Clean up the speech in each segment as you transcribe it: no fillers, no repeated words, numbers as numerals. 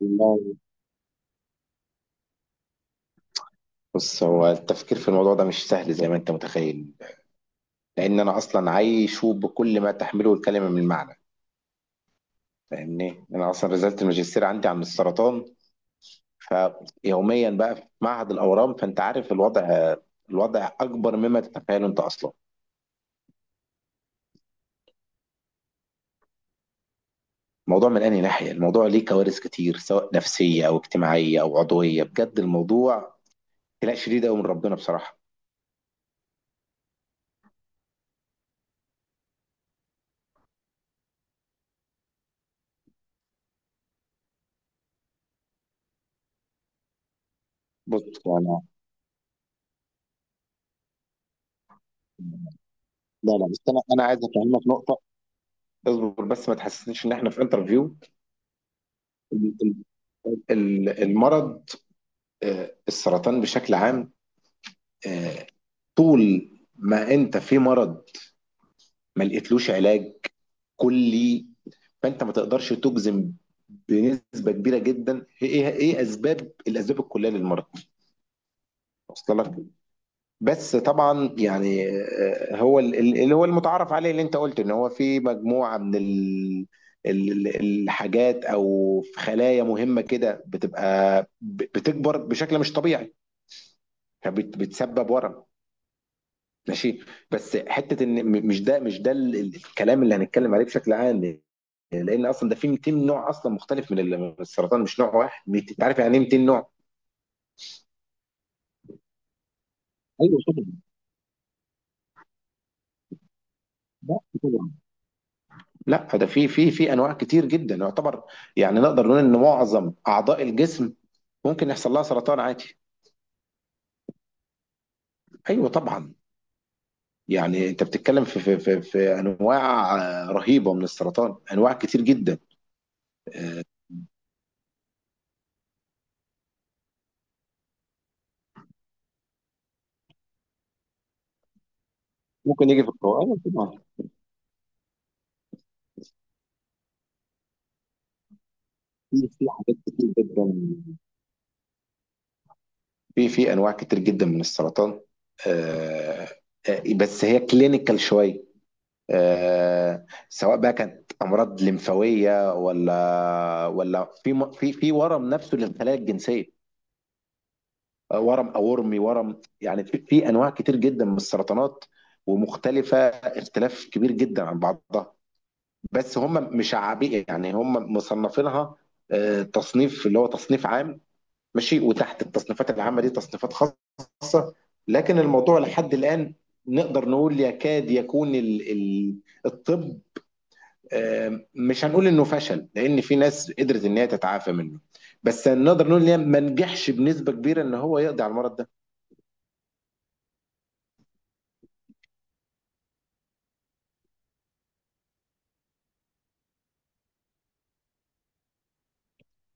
والله، بص، هو التفكير في الموضوع ده مش سهل زي ما انت متخيل. لان انا اصلا عايشه بكل ما تحمله الكلمه من معنى. فاهمني، انا اصلا رسالة الماجستير عندي عن السرطان. فيوميا بقى في معهد الاورام، فانت عارف الوضع. الوضع اكبر مما تتخيله انت اصلا. الموضوع من انهي ناحيه؟ الموضوع ليه كوارث كتير، سواء نفسيه او اجتماعيه او عضويه، بجد الموضوع خناق شديد قوي من ربنا بصراحه. بص، انا، لا لا، بس انا عايز افهمك نقطه. اصبر بس، ما تحسسنيش ان احنا في انترفيو. المرض، السرطان بشكل عام. آه، طول ما انت في مرض ما لقيتلوش علاج كلي، فانت ما تقدرش تجزم بنسبه كبيره جدا ايه اسباب الكليه للمرض. وصل لك؟ بس طبعا يعني، هو اللي هو المتعارف عليه، اللي انت قلت ان هو في مجموعه من الحاجات، او في خلايا مهمه كده بتبقى بتكبر بشكل مش طبيعي. بتسبب ورم. ماشي. بس حته ان مش ده الكلام اللي هنتكلم عليه بشكل عام. لان اصلا ده في 200 نوع اصلا مختلف من السرطان، مش نوع واحد. انت عارف يعني ايه 200 نوع؟ ايوه طبعا. لا طبعا. لا، ده في انواع كتير جدا يعتبر. يعني نقدر نقول ان معظم اعضاء الجسم ممكن يحصل لها سرطان عادي. ايوه طبعا. يعني انت بتتكلم في انواع رهيبه من السرطان، انواع كتير جدا. ممكن يجي في القولون، ايوه طبعا. في حاجات كتير جدا، في انواع كتير جدا من السرطان. آه، بس هي كلينيكال شويه. سواء بقى كانت امراض لمفاويه، ولا في م- في في ورم نفسه للخلايا الجنسيه. ورم اورمي ورم، يعني في انواع كتير جدا من السرطانات، ومختلفه اختلاف كبير جدا عن بعضها. بس هم مشعبين، يعني هم مصنفينها تصنيف، اللي هو تصنيف عام. ماشي، وتحت التصنيفات العامة دي تصنيفات خاصة. لكن الموضوع لحد الآن نقدر نقول يكاد يكون الطب، مش هنقول انه فشل، لان في ناس قدرت ان هي تتعافى منه. بس نقدر نقول ان هي ما نجحش بنسبة كبيرة ان هو يقضي على المرض ده.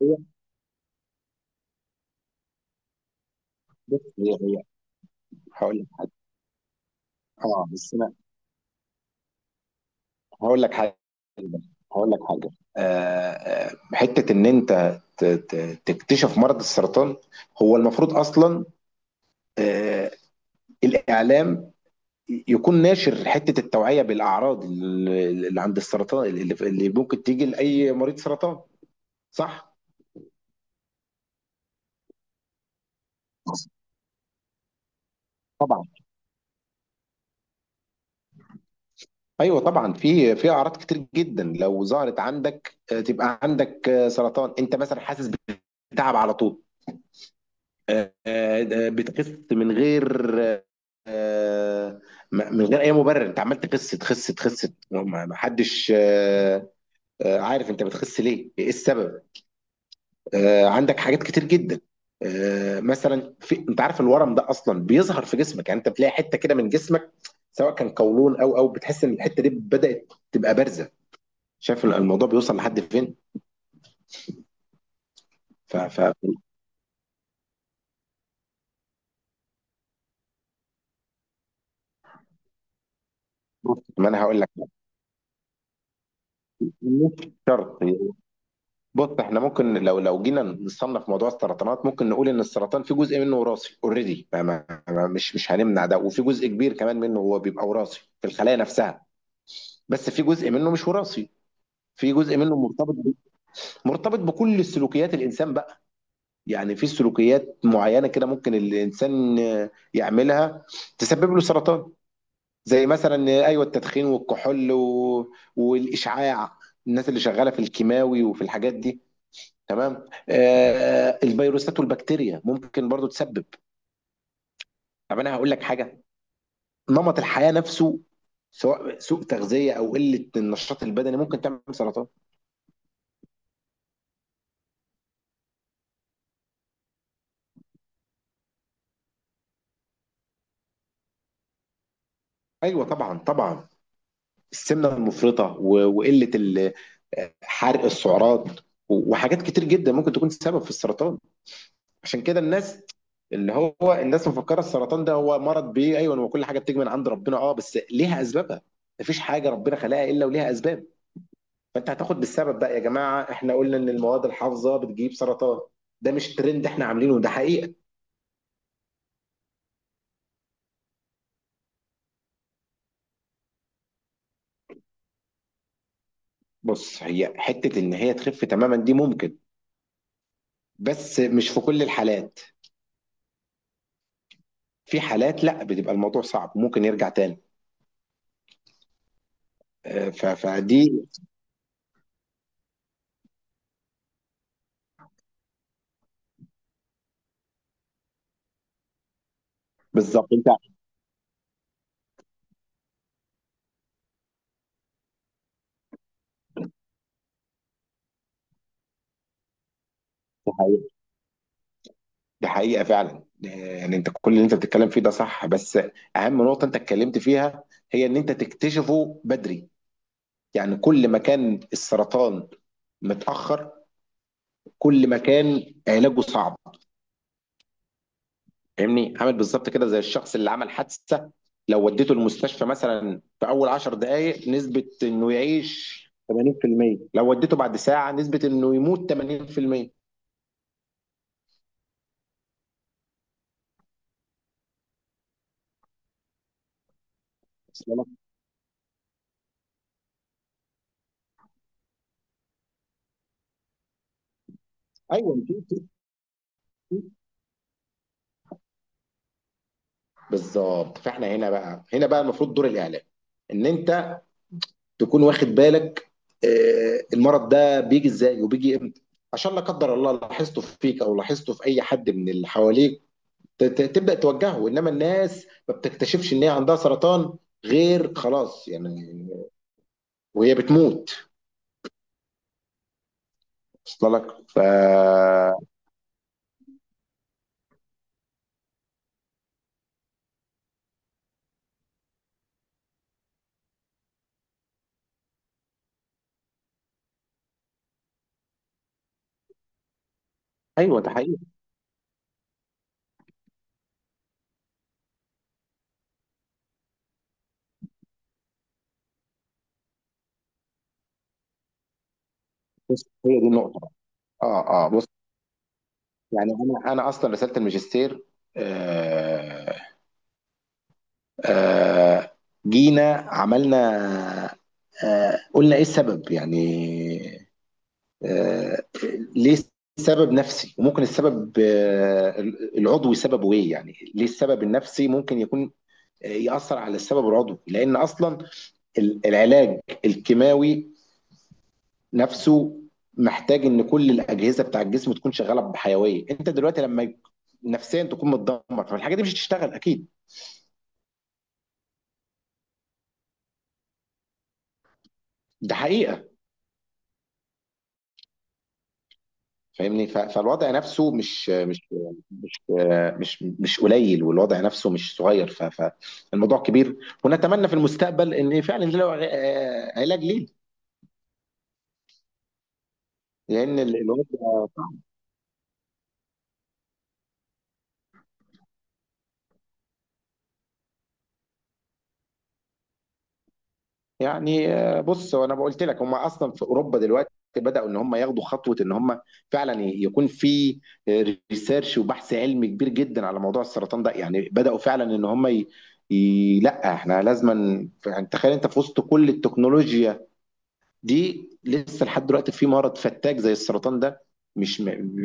هي بص، هي هي هقول لك حاجة. اه، بس انا هقول لك حاجة هقول لك حاجة. آه، حتة ان انت تكتشف مرض السرطان، هو المفروض اصلا آه، الاعلام يكون ناشر حتة التوعية بالأعراض اللي عند السرطان، اللي ممكن تيجي لأي مريض سرطان، صح؟ طبعا. ايوه طبعا، في اعراض كتير جدا لو ظهرت عندك تبقى عندك سرطان. انت مثلا حاسس بتعب على طول. آه، آه، بتخس من غير، آه، من غير اي مبرر. انت عمال تخس تخس تخس، ما حدش عارف انت بتخس ليه، ايه السبب. عندك حاجات كتير جدا. مثلا، انت عارف الورم ده اصلا بيظهر في جسمك، يعني انت بتلاقي حته كده من جسمك، سواء كان قولون، او بتحس ان الحته دي بدات تبقى بارزه. شايف الموضوع بيوصل لحد فين؟ ف ف بص، ما انا هقول لك. مش شرط. بص، احنا ممكن لو جينا نصنف موضوع السرطانات، ممكن نقول ان السرطان في جزء منه وراثي، اوريدي، ما ما ما مش هنمنع ده. وفي جزء كبير كمان منه هو بيبقى وراثي في الخلايا نفسها، بس في جزء منه مش وراثي. في جزء منه مرتبط بكل السلوكيات الانسان بقى. يعني في سلوكيات معينه كده ممكن الانسان يعملها تسبب له سرطان، زي مثلا ايوه، التدخين والكحول والاشعاع، الناس اللي شغاله في الكيماوي وفي الحاجات دي. تمام، الفيروسات والبكتيريا ممكن برضو تسبب. طب انا هقول لك حاجه، نمط الحياه نفسه، سواء سوء تغذيه او قله النشاط البدني، ممكن تعمل سرطان. ايوه طبعا طبعا. السمنه المفرطه وقله حرق السعرات، وحاجات كتير جدا ممكن تكون سبب في السرطان. عشان كده الناس مفكره السرطان ده هو مرض بيه، ايوه، وكل حاجه بتيجي من عند ربنا، اه بس ليها اسبابها. مفيش حاجه ربنا خلقها الا وليها اسباب. فانت هتاخد بالسبب بقى، يا جماعه احنا قلنا ان المواد الحافظه بتجيب سرطان، ده مش ترند احنا عاملينه، ده حقيقه. بص، هي حته ان هي تخف تماما دي ممكن، بس مش في كل الحالات. في حالات لا، بتبقى الموضوع صعب ممكن يرجع تاني. فدي. بالظبط انت. دي حقيقة. دي حقيقة فعلا. يعني انت كل اللي انت بتتكلم فيه ده صح، بس اهم نقطة انت اتكلمت فيها هي ان انت تكتشفه بدري. يعني كل ما كان السرطان متأخر، كل ما كان علاجه صعب. فاهمني، عامل بالظبط كده زي الشخص اللي عمل حادثة. لو وديته المستشفى مثلا في اول 10 دقائق نسبة انه يعيش 80%. لو وديته بعد ساعة نسبة انه يموت 80%. أصل أنا- ايوه، بالظبط. فاحنا هنا بقى المفروض دور الاعلام، ان انت تكون واخد بالك المرض ده بيجي ازاي وبيجي امتى، عشان لا قدر الله لاحظته فيك او لاحظته في اي حد من اللي حواليك، تبدا توجهه. انما الناس ما بتكتشفش ان هي عندها سرطان غير خلاص يعني، وهي بتموت. وصل لك؟ ف ايوه، ده حقيقي. بص، هي دي النقطه. اه، اه، بص، يعني انا اصلا رساله الماجستير، آه آه، جينا عملنا، قلنا ايه السبب يعني، آه، ليه السبب نفسي، وممكن السبب العضوي سببه ايه، يعني ليه السبب النفسي ممكن يكون يأثر على السبب العضوي. لأن أصلا العلاج الكيماوي نفسه محتاج إن كل الأجهزة بتاع الجسم تكون شغالة بحيوية. أنت دلوقتي لما نفسيا تكون متدمر، فالحاجة دي مش هتشتغل أكيد. ده حقيقة. فاهمني، فالوضع نفسه، مش مش قليل، والوضع نفسه مش صغير. فالموضوع كبير، ونتمنى في المستقبل ان فعلا له علاج ليه، لان الوضع صعب. يعني بص وانا قلت لك هم اصلا في اوروبا دلوقتي بداوا ان هم ياخدوا خطوه، ان هم فعلا يكون في ريسيرش وبحث علمي كبير جدا على موضوع السرطان ده، يعني بداوا فعلا ان هم لا، احنا لازما، يعني تخيل انت في وسط كل التكنولوجيا دي لسه لحد دلوقتي في مرض فتاك زي السرطان ده، مش م-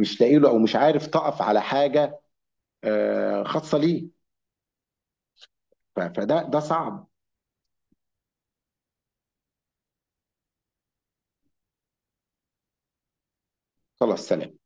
مش لاقي له او مش عارف تقف على حاجه خاصه ليه. فده صعب. خلاص، سلام.